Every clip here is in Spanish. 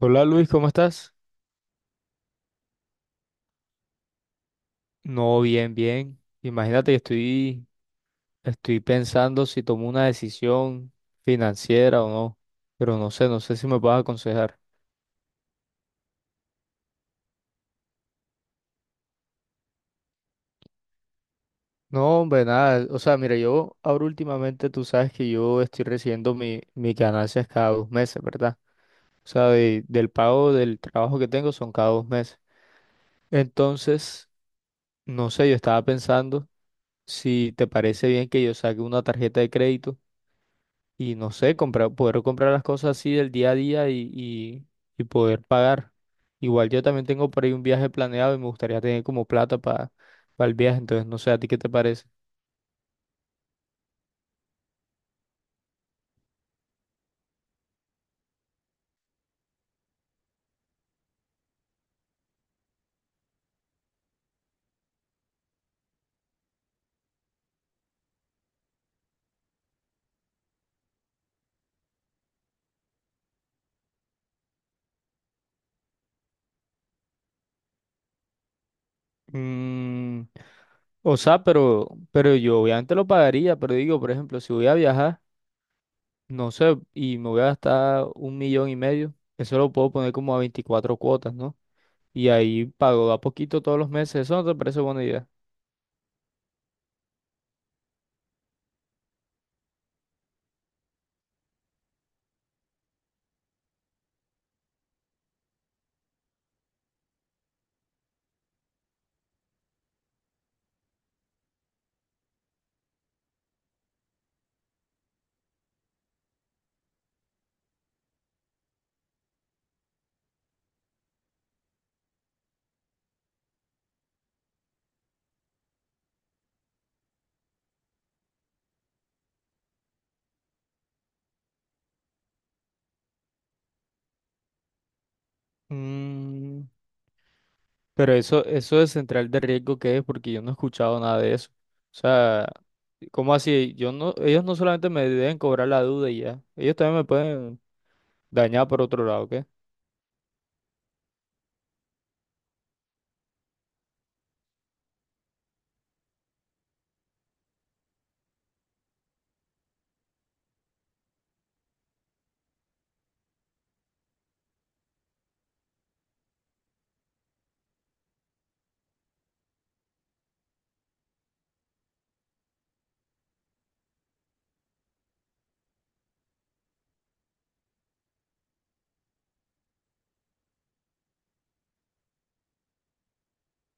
Hola Luis, ¿cómo estás? No, bien, bien. Imagínate que estoy pensando si tomo una decisión financiera o no, pero no sé si me puedes aconsejar. No, hombre, nada. O sea, mira, yo ahora últimamente tú sabes que yo estoy recibiendo mis ganancias cada 2 meses, ¿verdad? O sea, del pago del trabajo que tengo son cada 2 meses. Entonces, no sé, yo estaba pensando si te parece bien que yo saque una tarjeta de crédito y no sé, poder comprar las cosas así del día a día y poder pagar. Igual yo también tengo por ahí un viaje planeado y me gustaría tener como plata para el viaje, entonces no sé, ¿a ti qué te parece? Mm, o sea, pero yo obviamente lo pagaría, pero digo, por ejemplo, si voy a viajar, no sé, y me voy a gastar 1,5 millones, eso lo puedo poner como a 24 cuotas, ¿no? Y ahí pago a poquito todos los meses, ¿eso no te parece buena idea? Mm, Pero eso de central de riesgo, ¿qué es? Porque yo no he escuchado nada de eso. O sea, ¿cómo así? Yo no, ellos no solamente me deben cobrar la duda y ya, ellos también me pueden dañar por otro lado, ¿qué?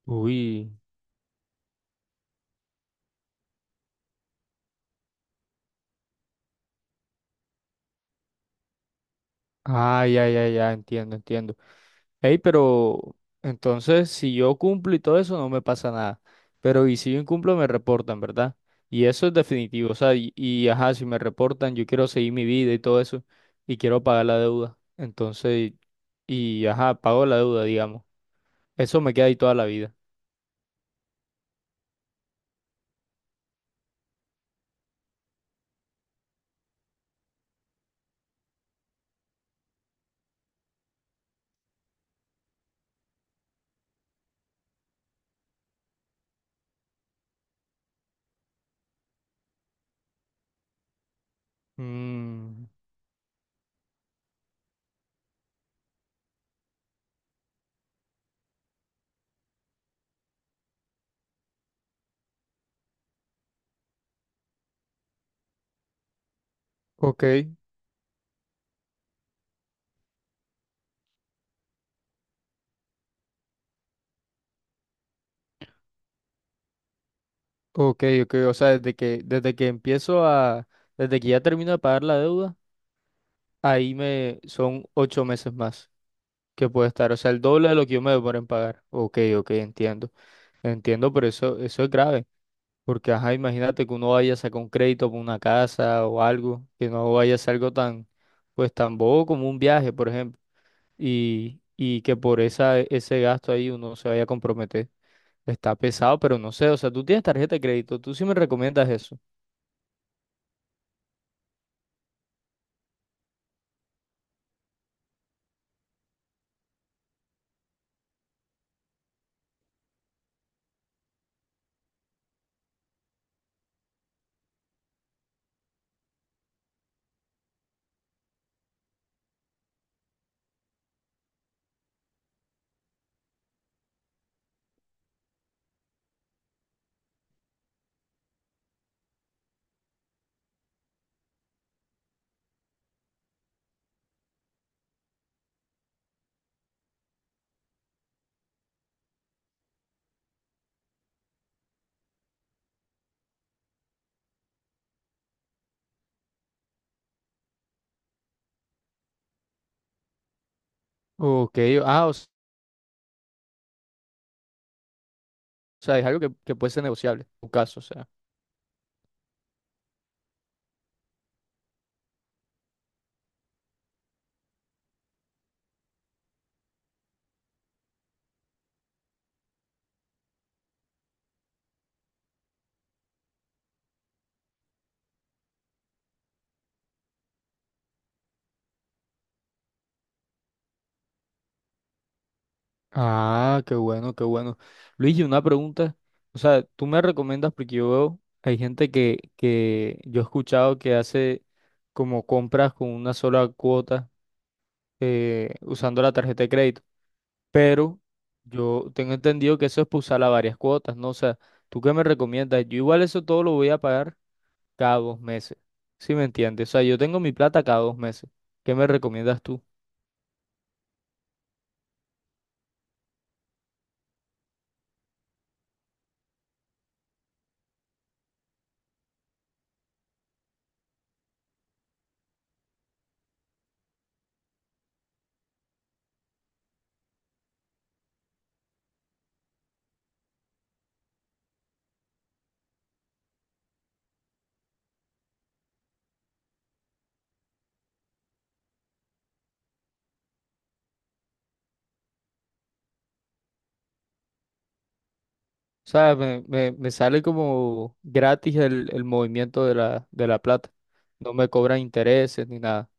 ¡Uy! Ah, ya, ya, ya, entiendo, entiendo. Ey, pero entonces, si yo cumplo y todo eso, no me pasa nada. Pero y si yo incumplo, me reportan, ¿verdad? Y eso es definitivo. O sea, ajá, si me reportan, yo quiero seguir mi vida y todo eso, y quiero pagar la deuda. Entonces, y ajá, pago la deuda, digamos. Eso me queda ahí toda la vida. Mm, ok, ok, ok. O sea, desde que ya termino de pagar la deuda, ahí me son 8 meses más que puede estar. O sea, el doble de lo que yo me demoro en pagar. Ok, ok, entiendo. Entiendo, pero eso es grave. Porque, ajá, imagínate que uno vaya a sacar un crédito por una casa o algo, que no vaya a ser algo tan, pues tan bobo como un viaje, por ejemplo. Y que ese gasto ahí uno se vaya a comprometer. Está pesado, pero no sé, o sea, tú tienes tarjeta de crédito, tú sí me recomiendas eso. Ok, ah, o sea, es algo que puede ser negociable, en tu caso, o sea. Ah, qué bueno, qué bueno. Luigi, una pregunta, o sea, tú me recomiendas porque yo veo, hay gente que yo he escuchado que hace como compras con una sola cuota usando la tarjeta de crédito, pero yo tengo entendido que eso es para usarla a varias cuotas, ¿no? O sea, ¿tú qué me recomiendas? Yo igual eso todo lo voy a pagar cada 2 meses. ¿Sí me entiendes? O sea, yo tengo mi plata cada 2 meses. ¿Qué me recomiendas tú? O sea, me sale como gratis el movimiento de la plata. No me cobran intereses ni nada.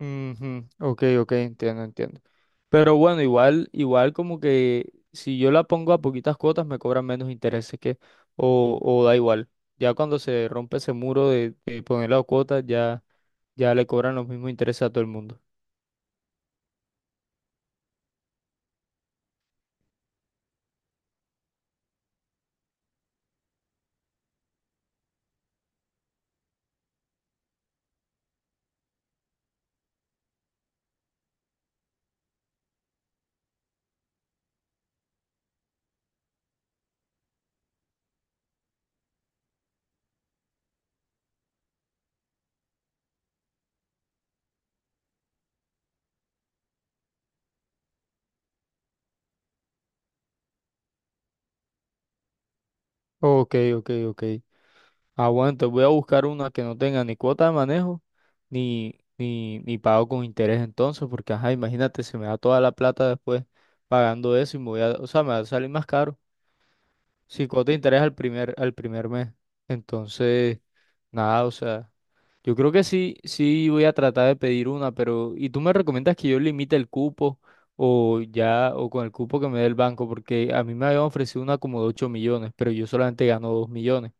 Ujú, ok, ok, entiendo, entiendo. Pero bueno, igual como que si yo la pongo a poquitas cuotas me cobran menos intereses que, o da igual. Ya cuando se rompe ese muro de poner la cuota, ya, ya le cobran los mismos intereses a todo el mundo. Ok, ok, ok. Ah, bueno, entonces voy a buscar una que no tenga ni cuota de manejo, ni pago con interés entonces, porque ajá, imagínate, se me da toda la plata después pagando eso y o sea, me va a salir más caro. Si cuota de interés al primer mes. Entonces, nada, o sea, yo creo que sí, sí voy a tratar de pedir una, pero, ¿y tú me recomiendas que yo limite el cupo o ya, o con el cupo que me dé el banco? Porque a mí me habían ofrecido una como de 8 millones, pero yo solamente gano 2 millones.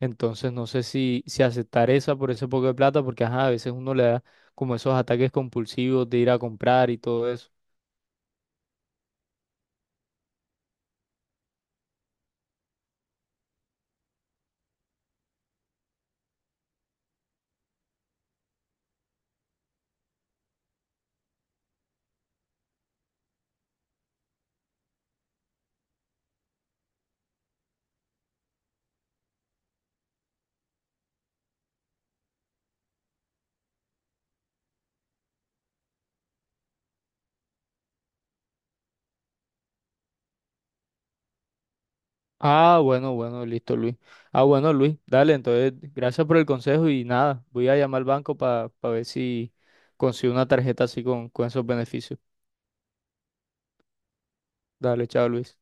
Entonces no sé si aceptar esa por ese poco de plata, porque ajá, a veces uno le da como esos ataques compulsivos de ir a comprar y todo eso. Ah, bueno, bueno, listo, Luis. Ah, bueno, Luis, dale, entonces gracias por el consejo y nada, voy a llamar al banco para ver si consigo una tarjeta así con esos beneficios. Dale, chao, Luis.